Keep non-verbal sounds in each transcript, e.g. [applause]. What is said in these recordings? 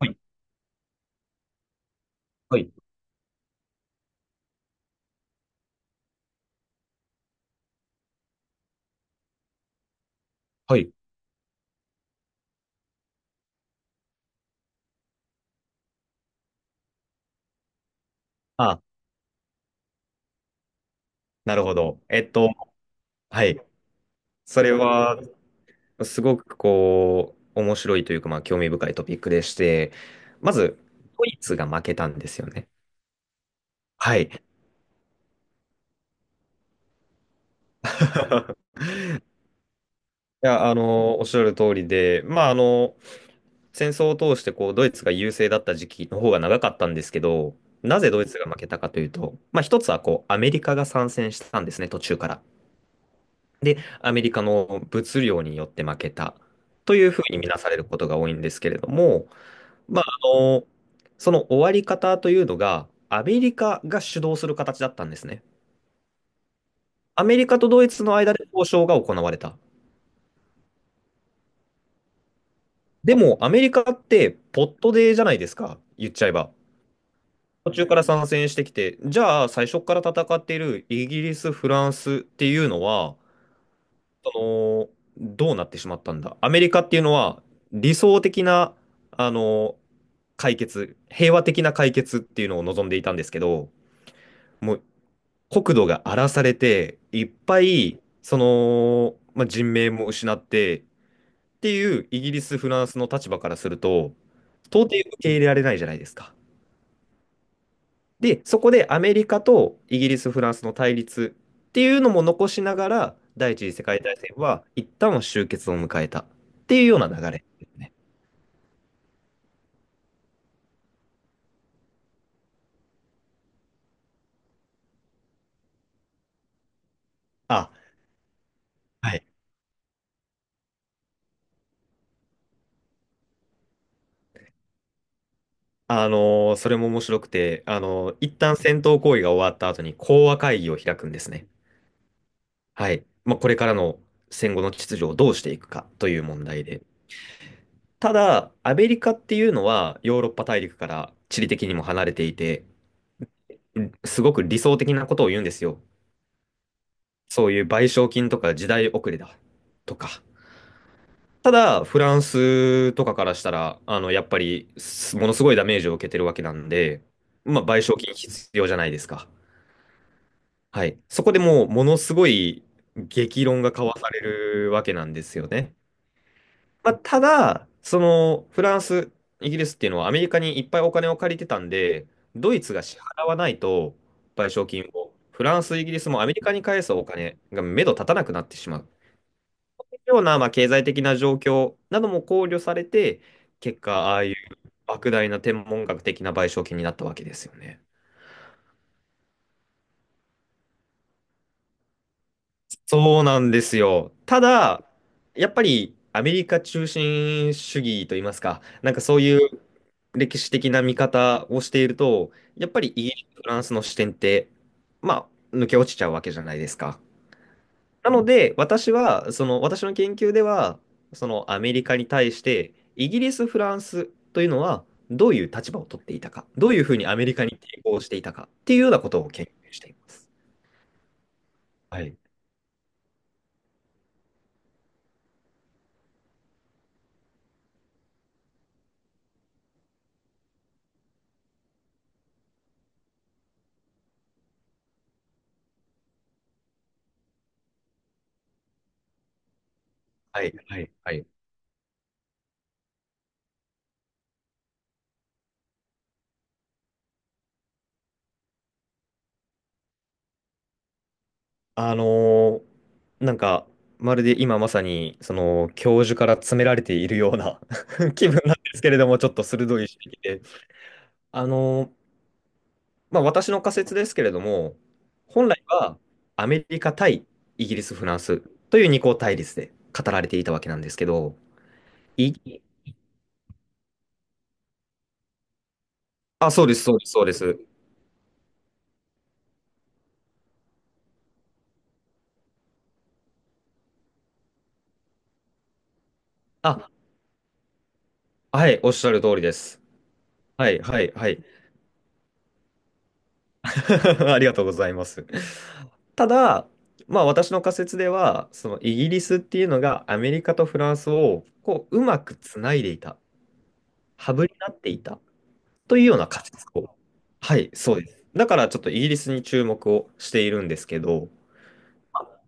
はい、はい、はい。あ、なるほど。はい。それは、すごくこう、面白いというか、まあ、興味深いトピックでして、まず、ドイツが負けたんですよね。はい。[laughs] いや、あの、おっしゃる通りで、まあ、あの、戦争を通して、こう、ドイツが優勢だった時期の方が長かったんですけど、なぜドイツが負けたかというと、まあ、一つは、こう、アメリカが参戦したんですね、途中から。で、アメリカの物量によって負けたというふうに見なされることが多いんですけれども、まあ、あの、その終わり方というのが、アメリカが主導する形だったんですね。アメリカとドイツの間で交渉が行われた。でも、アメリカってポットデーじゃないですか、言っちゃえば。途中から参戦してきて、じゃあ最初から戦っているイギリス、フランスっていうのは、その、どうなってしまったんだ。アメリカっていうのは理想的な、あの、解決、平和的な解決っていうのを望んでいたんですけど、もう国土が荒らされて、いっぱい、その、まあ、人命も失ってっていうイギリス、フランスの立場からすると、到底受け入れられないじゃないですか。で、そこでアメリカとイギリス、フランスの対立っていうのも残しながら、第一次世界大戦は一旦は終結を迎えたっていうような流れですね。あ、はい。それも面白くて、一旦戦闘行為が終わった後に講和会議を開くんですね。はい。まあ、これからの戦後の秩序をどうしていくかという問題で。ただ、アメリカっていうのはヨーロッパ大陸から地理的にも離れていて、すごく理想的なことを言うんですよ。そういう賠償金とか時代遅れだとか。ただ、フランスとかからしたら、あの、やっぱり、すものすごいダメージを受けてるわけなんで、まあ、賠償金必要じゃないですか。はい。そこでもう、ものすごい激論が交わされるわけなんですよね。まあ、ただ、その、フランス、イギリスっていうのはアメリカにいっぱいお金を借りてたんで、ドイツが支払わないと、賠償金を、フランス、イギリスもアメリカに返すお金が目処立たなくなってしまう。ような、まあ、経済的な状況なども考慮されて、結果、ああいう莫大な天文学的な賠償金になったわけですよね。そうなんですよ。ただ、やっぱりアメリカ中心主義といいますか、なんかそういう歴史的な見方をしていると、やっぱりイギリス、フランスの視点って、まあ、抜け落ちちゃうわけじゃないですか。なので、私は、その、私の研究では、そのアメリカに対して、イギリス、フランスというのは、どういう立場を取っていたか、どういうふうにアメリカに抵抗していたかっていうようなことを研究しています。はい、はい、はい、はい。あのーなんか、まるで今まさに、その、教授から詰められているような [laughs] 気分なんですけれども、ちょっと鋭い指摘で。あのーまあ、私の仮説ですけれども、本来はアメリカ対イギリス、フランスという二項対立で語られていたわけなんですけど、い、あ、そうです、そうです、そうです。あ、はい、おっしゃる通りです。はい、はい、はい。[laughs] ありがとうございます。ただ、まあ、私の仮説では、そのイギリスっていうのがアメリカとフランスをこう、うまくつないでいた、ハブになっていたというような仮説を。はい、そうです。だからちょっとイギリスに注目をしているんですけど、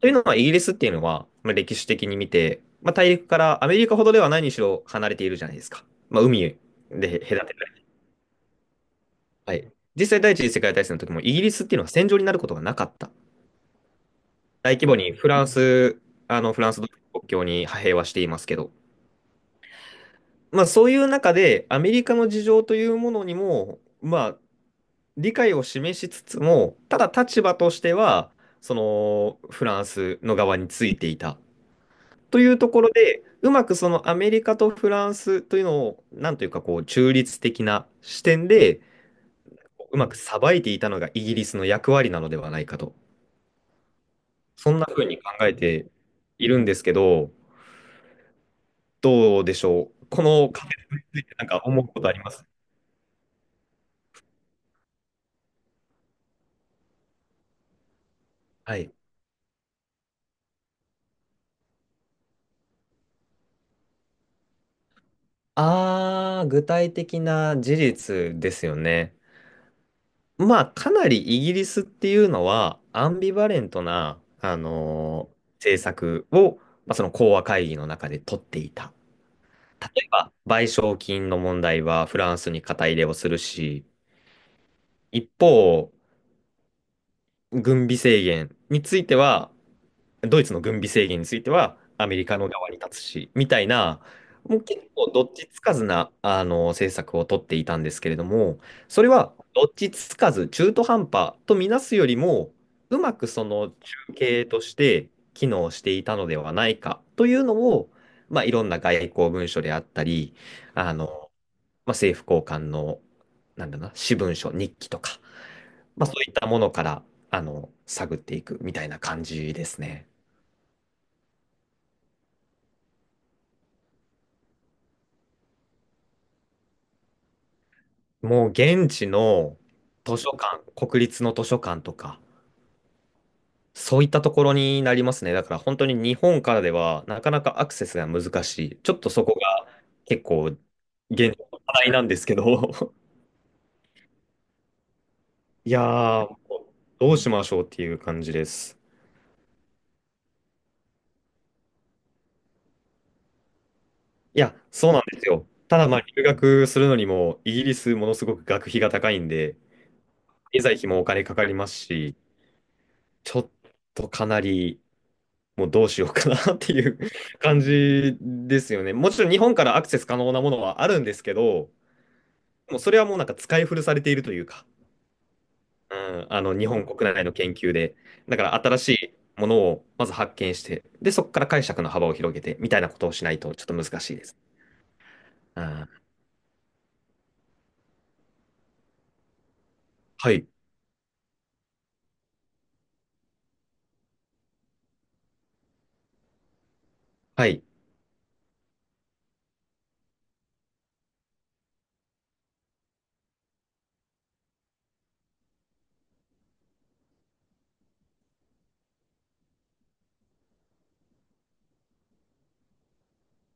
というのは、イギリスっていうのは、まあ、歴史的に見て、まあ、大陸からアメリカほどではないにしろ離れているじゃないですか。まあ、海で隔てる。はい。実際、第一次世界大戦の時も、イギリスっていうのは戦場になることがなかった。大規模にフランス、あの、フランスと国境に派兵はしていますけど、まあ、そういう中で、アメリカの事情というものにも、まあ、理解を示しつつも、ただ立場としては、その、フランスの側についていた。というところで、うまくそのアメリカとフランスというのを、なんというかこう、中立的な視点で、うまくさばいていたのがイギリスの役割なのではないかと。そんなふうに考えているんですけど、どうでしょう。このカフェなんか思うことありますはい。あー、具体的な事実ですよね。まあ、かなりイギリスっていうのは、アンビバレントな、政策を、まあ、その講和会議の中で取っていた。例えば、賠償金の問題はフランスに肩入れをするし、一方、軍備制限については、ドイツの軍備制限については、アメリカの側に立つし、みたいな、もう結構どっちつかずな、あの、政策を取っていたんですけれども、それはどっちつかず、中途半端とみなすよりも、うまくその中継として機能していたのではないかというのを、まあ、いろんな外交文書であったり、あの、まあ、政府高官の、なんだろうな、私文書、日記とか、まあ、そういったものから、あの、探っていくみたいな感じですね。もう現地の図書館、国立の図書館とか、そういったところになりますね。だから本当に日本からではなかなかアクセスが難しい。ちょっとそこが結構現状の課題なんですけど、[laughs] いやー、どうしましょうっていう感じです。いや、そうなんですよ。ただ、まあ、留学するのにも、イギリスものすごく学費が高いんで、経済費もお金かかりますし、ちょっとかなり、もうどうしようかな [laughs] っていう [laughs] 感じですよね。もちろん日本からアクセス可能なものはあるんですけど、もうそれはもうなんか使い古されているというか、うん、あの、日本国内の研究で。だから新しいものをまず発見して、で、そこから解釈の幅を広げて、みたいなことをしないとちょっと難しいです。うん、はい、はい、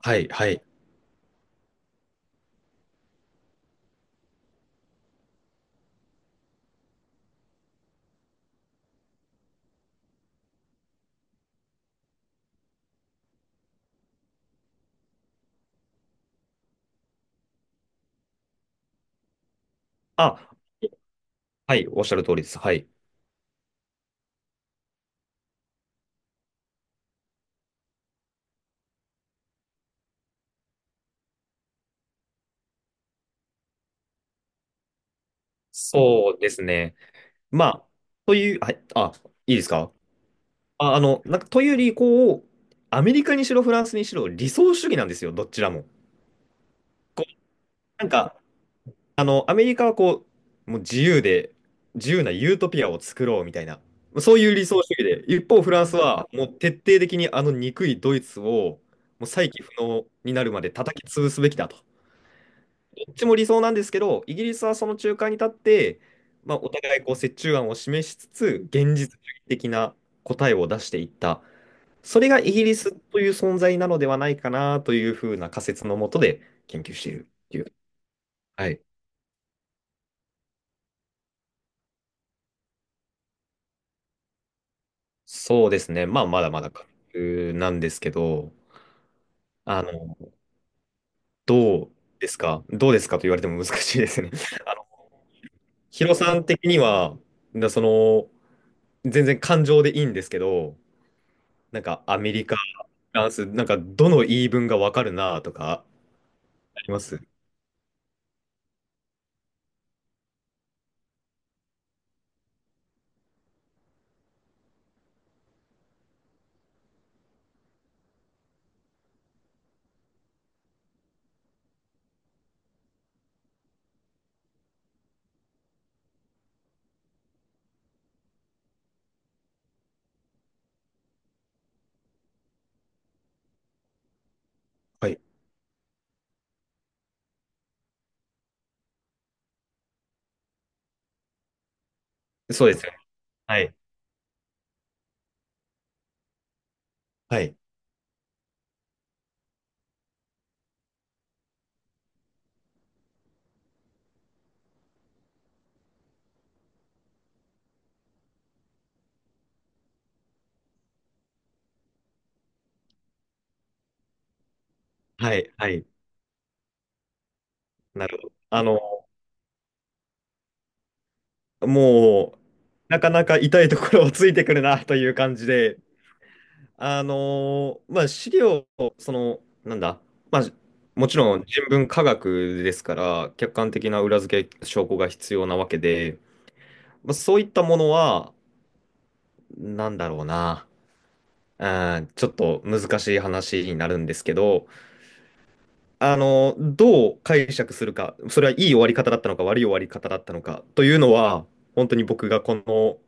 はい、はい。あ、はい、おっしゃる通りです。はい。そうですね。まあ、という、はい、あ、いいですかあ、あの、なんか、というより、こう、アメリカにしろ、フランスにしろ、理想主義なんですよ、どちらも。こう、なんか、あの、アメリカはこう、もう自由で、自由なユートピアを作ろうみたいな、そういう理想主義で、一方、フランスは、もう徹底的にあの憎いドイツを、もう再起不能になるまで叩き潰すべきだと。っちも理想なんですけど、イギリスはその中間に立って、まあ、お互いこう折衷案を示しつつ、現実主義的な答えを出していった。それがイギリスという存在なのではないかなというふうな仮説のもとで研究しているっていう。はい。そうですね。まあ、まだまだ仮説なんですけど、あの、どうですかどうですかと言われても難しいですね。[laughs] ヒロさん的には、だその、全然感情でいいんですけど、なんかアメリカランス、なんか、どの言い分がわかるなとか、ありますはい。そうですよね。はい。はい。はい。はい。なるほど。あの、もう、なかなか痛いところをついてくるな [laughs] という感じで、まあ、資料、その、なんだ、まあ、もちろん人文科学ですから、客観的な裏付け証拠が必要なわけで、まあ、そういったものは、なんだろうな、うん、ちょっと難しい話になるんですけど、あの、どう解釈するか、それはいい終わり方だったのか、悪い終わり方だったのかというのは、本当に僕がこの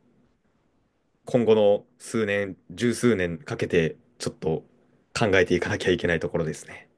今後の数年、十数年かけて、ちょっと考えていかなきゃいけないところですね。